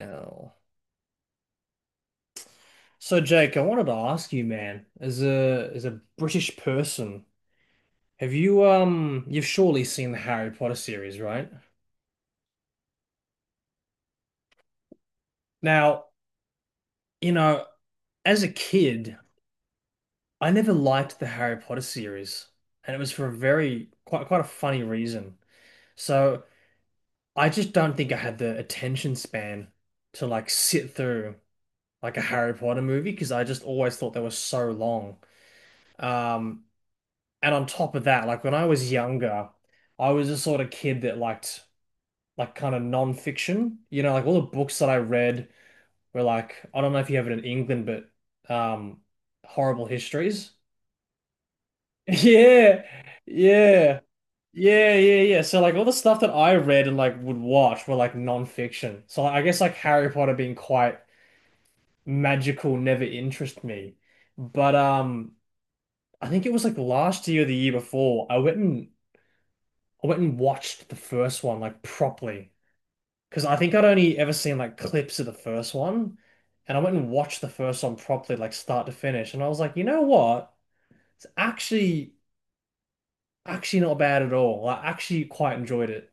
Oh. So Jake, I wanted to ask you, man, as a British person, have you you've surely seen the Harry Potter series, right? Now, you know, as a kid, I never liked the Harry Potter series, and it was for a very quite a funny reason. So I just don't think I had the attention span to like sit through like a Harry Potter movie because I just always thought they were so long. Um, And on top of that, like when I was younger, I was the sort of kid that liked like kind of non-fiction. You know, like all the books that I read were like, I don't know if you have it in England, but um horrible histories. Yeah. Yeah. Yeah, yeah, yeah. So like all the stuff that I read and like would watch were like non-fiction. So like, I guess like Harry Potter being quite magical never interested me. But I think it was like last year or the year before, I went and watched the first one like properly because I think I'd only ever seen like clips of the first one, and I went and watched the first one properly, like start to finish, and I was like, you know what? It's actually Actually not bad at all. I actually quite enjoyed it.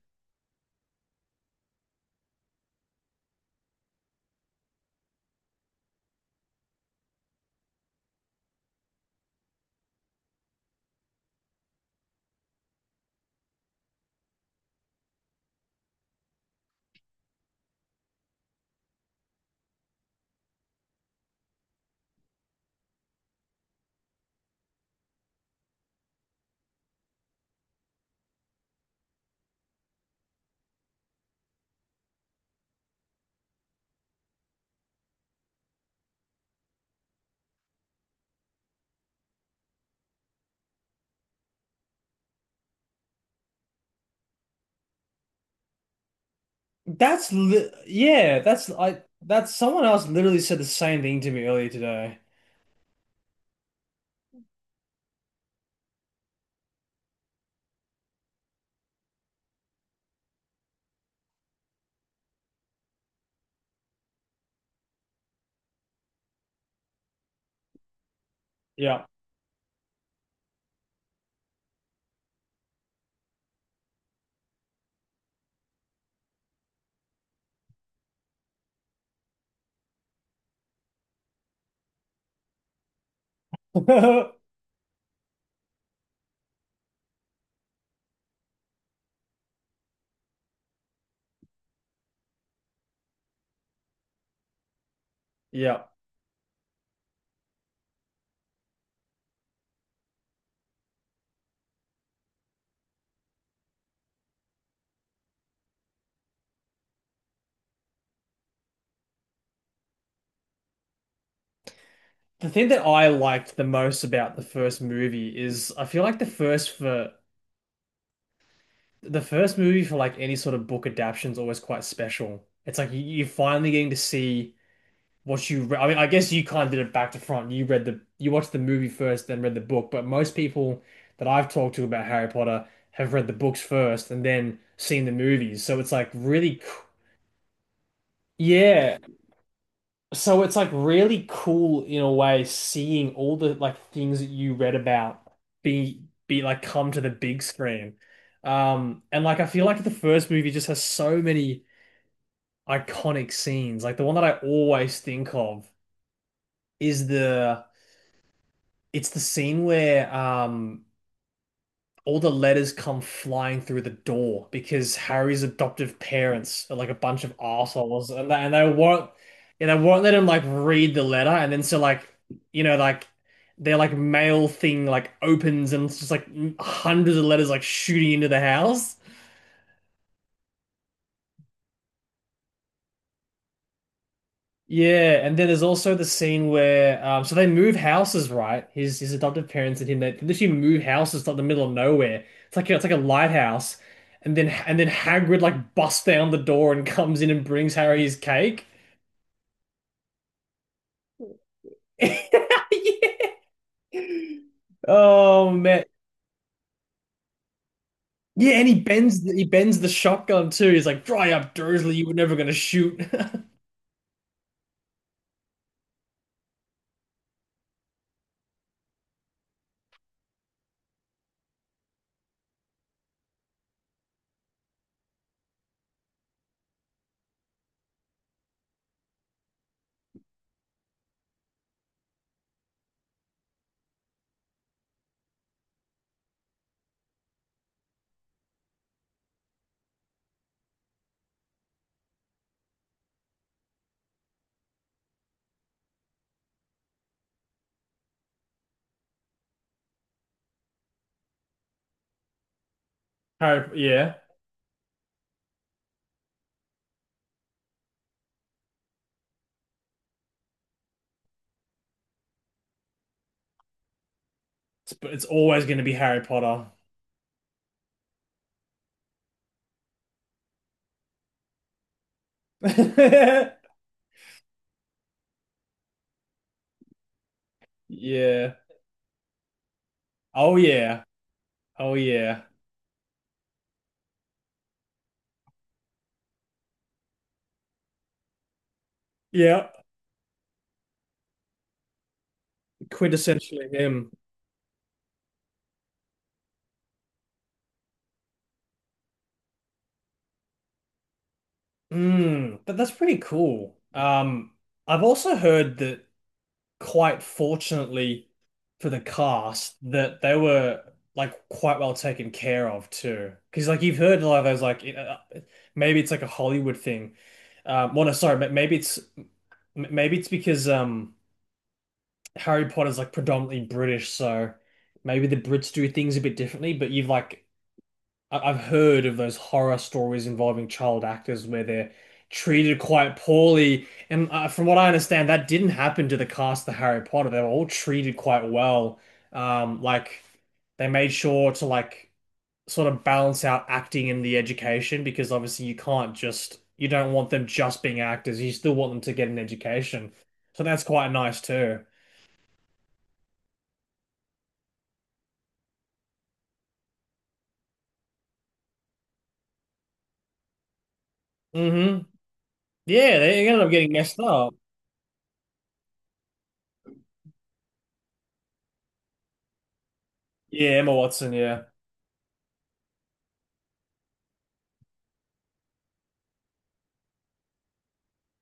That's li Yeah, that's someone else literally said the same thing to me earlier today. Yeah. Yeah. The thing that I liked the most about the first movie is I feel like the first for the first movie for like any sort of book adaptation is always quite special. It's like you're finally getting to see what you re I mean, I guess you kind of did it back to front. You watched the movie first, then read the book. But most people that I've talked to about Harry Potter have read the books first and then seen the movies. So it's like really, yeah. So it's like really cool in a way seeing all the like things that you read about be like come to the big screen. And like I feel like the first movie just has so many iconic scenes. Like the one that I always think of is the it's the scene where all the letters come flying through the door because Harry's adoptive parents are like a bunch of assholes and they won't let him like read the letter and then so like you know like their like mail thing like opens and it's just like hundreds of letters like shooting into the house. Yeah, and then there's also the scene where so they move houses, right? His adoptive parents and him, they literally move houses to the middle of nowhere. It's like a lighthouse. And then Hagrid like busts down the door and comes in and brings Harry his cake. Yeah. Oh man. Yeah, and he bends the shotgun too. He's like, "Dry up, Dursley, you were never gonna shoot." Harry, yeah. But it's always gonna be Harry Potter. Yeah. Oh yeah. Oh yeah. Yeah, quintessentially him. Mm, but that's pretty cool. I've also heard that quite fortunately for the cast that they were like quite well taken care of too. Because like you've heard a lot of those like you know, maybe it's like a Hollywood thing. Well, no, sorry, maybe maybe it's because Harry Potter's like predominantly British, so maybe the Brits do things a bit differently. But you've like I've heard of those horror stories involving child actors where they're treated quite poorly. And from what I understand, that didn't happen to the cast of Harry Potter. They were all treated quite well. Like they made sure to like sort of balance out acting and the education because obviously you don't want them just being actors. You still want them to get an education. So that's quite nice too. Hmm. Yeah, they ended up getting messed up. Yeah, Emma Watson, yeah.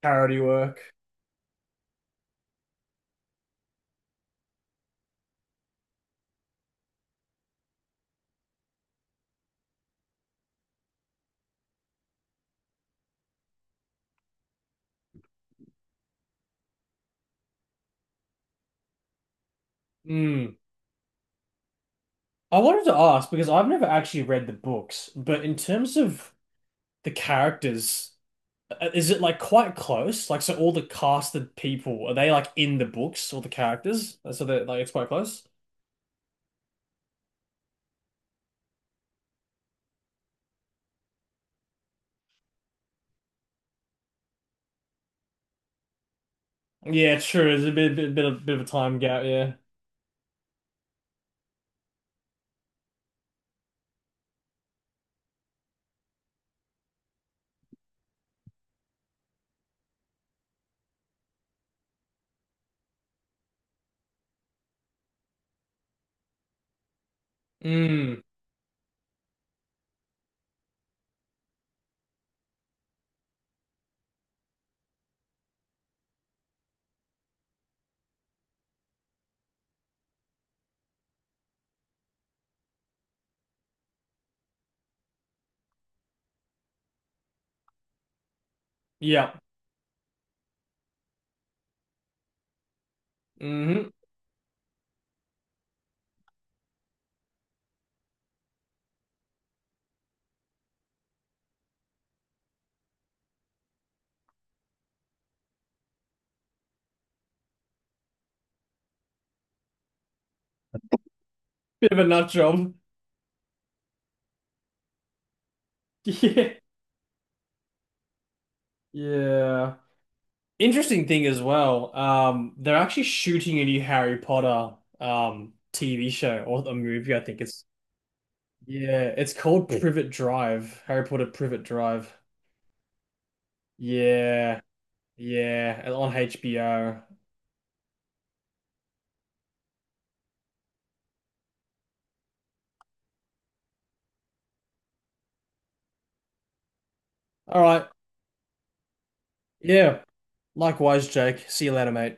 Parody work. Mm. I wanted to ask because I've never actually read the books, but in terms of the characters, is it like quite close? Like, so all the casted people, are they like in the books, all the characters? So that like, it's quite close? Yeah, true. There's a bit of a time gap, yeah. Mm, yeah. Hmm. Bit of a nut job. Yeah. Yeah. Interesting thing as well, they're actually shooting a new Harry Potter TV show or a movie, I think. Yeah, it's called Privet Drive. Harry Potter Privet Drive. Yeah, yeah, and on HBO. All right. Yeah. Likewise, Jake. See you later, mate.